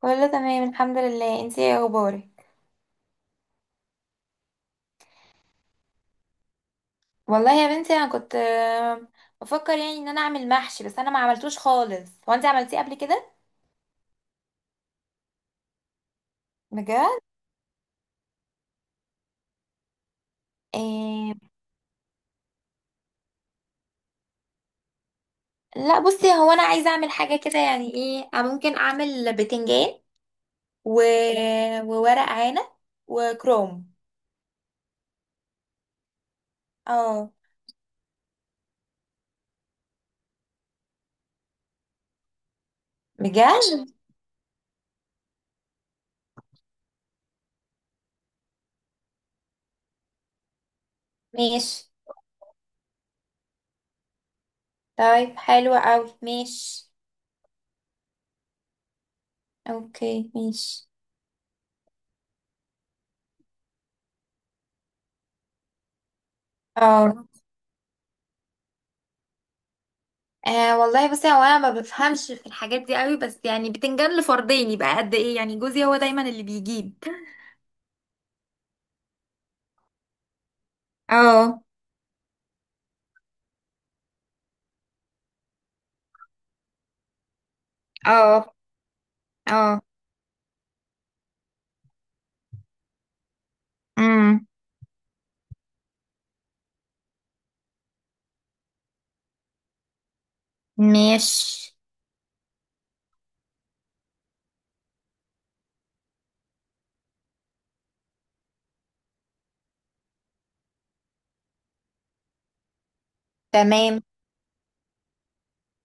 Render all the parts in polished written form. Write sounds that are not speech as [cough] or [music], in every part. كله تمام، الحمد لله. انتي ايه اخبارك؟ والله يا بنتي، انا كنت بفكر يعني ان انا اعمل محشي. بس انا ما عملتوش خالص. هو انتي عملتيه قبل كده؟ بجد؟ إيه. لا، بصي، هو انا عايزه اعمل حاجه كده، يعني ايه، أنا ممكن اعمل بتنجان و... وورق عنب وكروم. اه. بجد؟ ماشي. طيب، حلو قوي. ماشي. اوكي، ماشي. اه. آه والله، بصي، هو انا ما بفهمش في الحاجات دي قوي. بس يعني بتنجان لفردين يبقى قد ايه؟ يعني جوزي هو دايما اللي بيجيب. اه. اه. اه. امم. ماشي. تمام.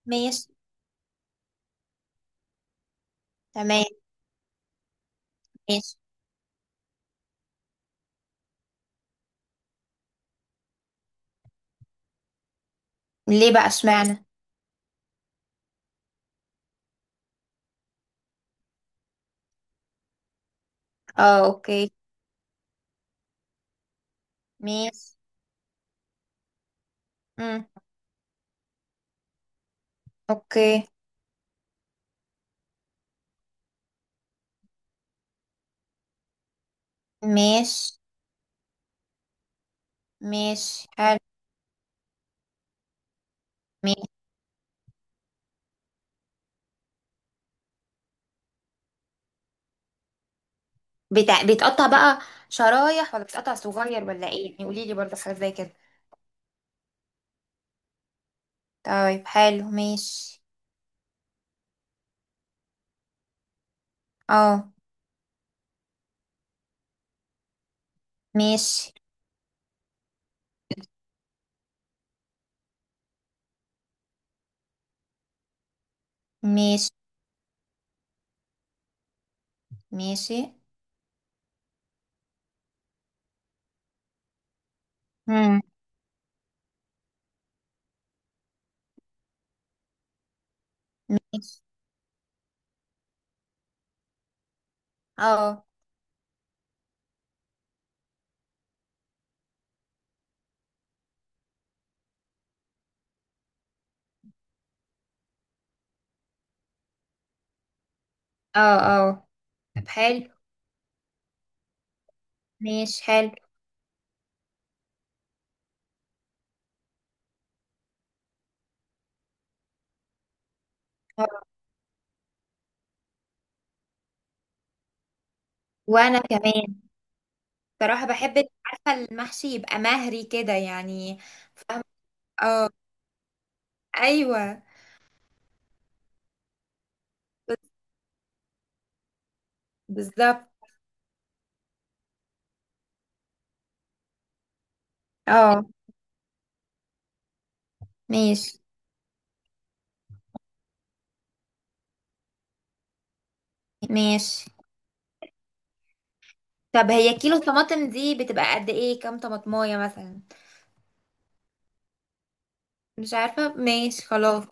ماشي. تمام. ماشي. ليه بقى؟ اشمعنى؟ اه. اوكي، ماشي. امم. اوكي، ماشي. ماشي. حلو. ماشي. بيتقطع بقى شرايح، ولا بيتقطع صغير، ولا ايه يعني؟ قولي لي برضه حاجه زي كده. طيب، حلو. ماشي. اه. ماشي. ماشي. ماشي. امم. ماشي. اه. اه. اه. طب حلو. ماشي. حلو. آه. وانا كمان صراحة بحب، عارفة، المحشي يبقى مهري كده يعني. فاهمة؟ ايوه. بالظبط. اه. ماشي. ماشي. طب هي كيلو طماطم دي بتبقى قد ايه؟ كام طماطمايه مثلا؟ مش عارفة. ماشي، خلاص.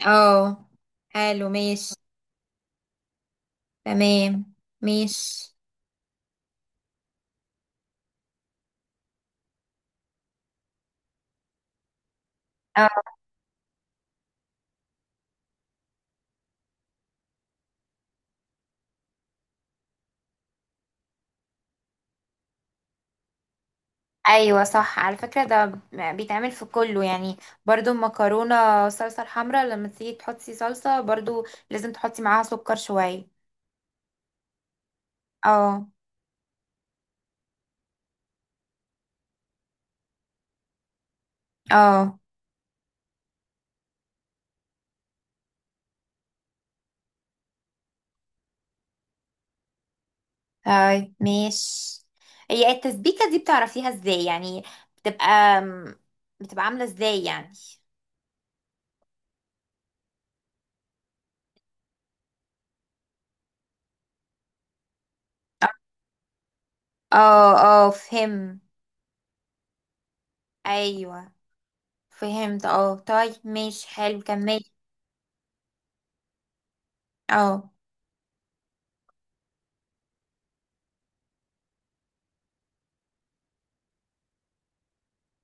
اه. حلو. ماشي. تمام. ماشي. اه. ايوه، صح، على فكره ده بيتعمل في كله يعني. برضو المكرونه صلصه الحمراء، لما تيجي تحطي صلصه، برضو لازم تحطي معاها سكر شويه. اه. اه. طيب، ماشي. هي التسبيكه دي بتعرفيها ازاي يعني؟ بتبقى بتبقى عامله ازاي يعني؟ اه. اه فهم. ايوه فهمت. اه. طيب، ماشي. حلو، كملي. اه.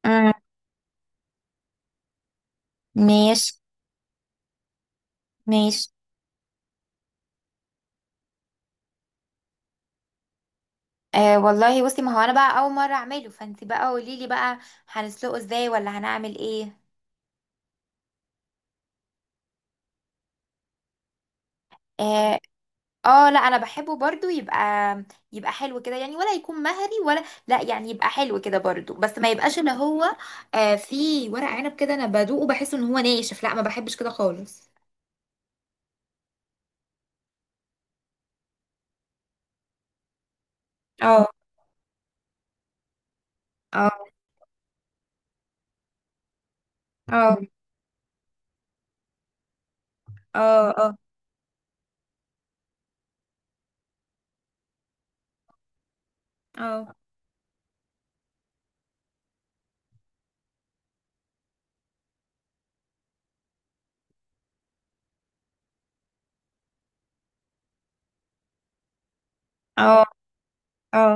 أمم. ماشي. ماشي. أه والله، بصي، ما هو انا بقى اول مره اعمله، فانت بقى قولي لي بقى. هنسلقه ازاي ولا هنعمل ايه؟ اه. لا، انا بحبه برضو يبقى حلو كده يعني، ولا يكون مهري، ولا لا يعني يبقى حلو كده برضو. بس ما يبقاش اللي هو، في ورق عنب كده انا بدوقه بحس ان هو ناشف، لا، ما بحبش كده خالص. اه. اه. اه. مم. اه. اه. اه. اه. اه.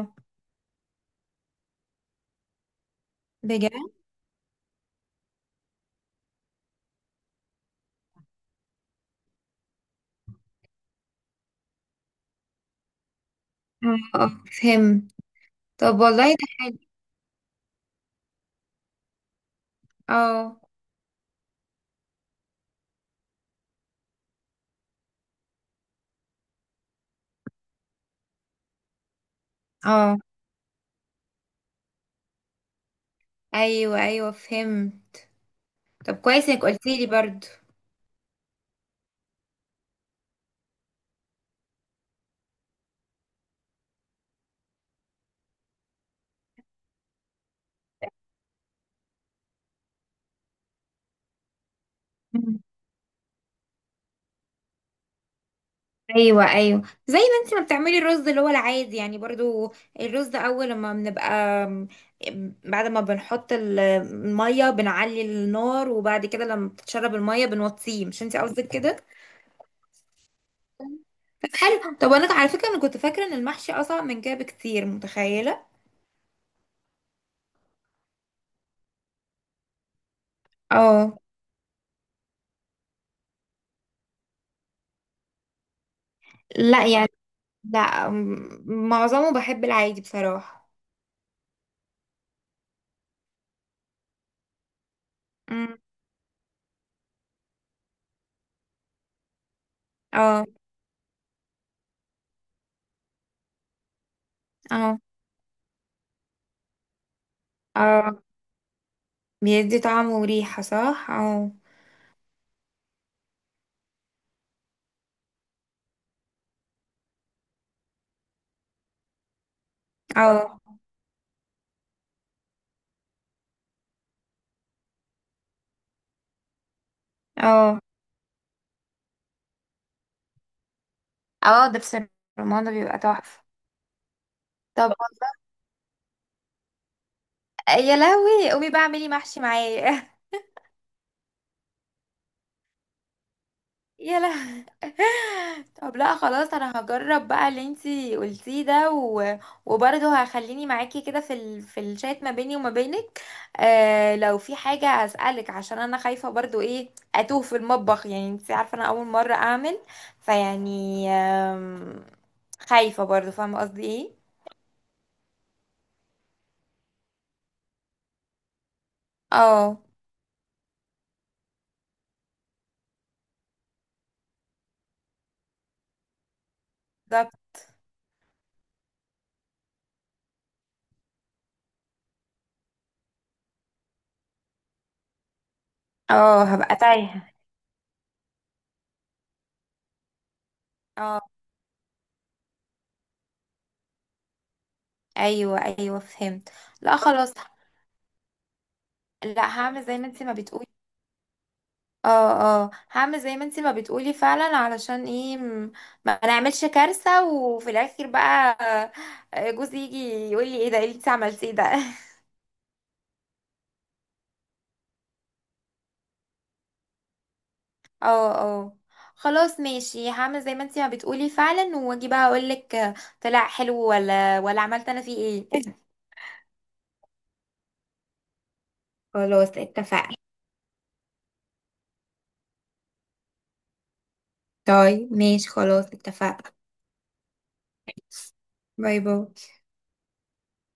بجد. اه. فهمت. طب والله ده حلو. اه. اه. ايوه. ايوه فهمت. طب كويس انك قلتي لي برضو. مم. ايوه. ايوه. زي ما انت ما بتعملي الرز اللي هو العادي يعني برضو. الرز ده اول لما بنبقى، بعد ما بنحط الميه بنعلي النار، وبعد كده لما بتتشرب الميه بنوطيه. مش انت قصدك كده؟ طب حلو. طب انا على فكره انا كنت فاكره ان المحشي اصعب من كده بكتير، متخيله. اه. لا يعني، لا، معظمه بحب العادي بصراحه. امم. اه. اه. اه. بيدي طعم وريحه، صح. اه. اه. اه. اه ده، بس الرمان ده بيبقى تحفة. طب. يا لهوي، قومي بقى اعملي محشي معايا. [laughs] يا لهوي. طب لا، خلاص، انا هجرب بقى اللي انتي قلتيه ده وبرضه هخليني معاكي كده في الشات ما بيني وما بينك. لو في حاجة هسألك، عشان انا خايفة برضه ايه اتوه في المطبخ يعني، انتي عارفة انا اول مرة اعمل. فيعني خايفة برضه. فاهمة قصدي ايه؟ اه. بالظبط. اه هبقى تايهة. اه. ايوه. ايوه فهمت. لا، خلاص. لا هعمل زي ما انت ما بتقولي. اه. اه هعمل زي ما انت ما بتقولي فعلا. علشان ايه ما نعملش كارثة، وفي الاخر بقى جوزي يجي يقول لي ايه ده، ايه اللي انت عملتيه ده؟ [laughs] اه. اه. خلاص ماشي، هعمل زي ما انت ما بتقولي فعلا، واجي بقى اقول لك طلع حلو ولا عملت انا فيه ايه. [laughs] خلاص اتفقنا. طيب ماشي، خلاص اتفقنا. باي باي.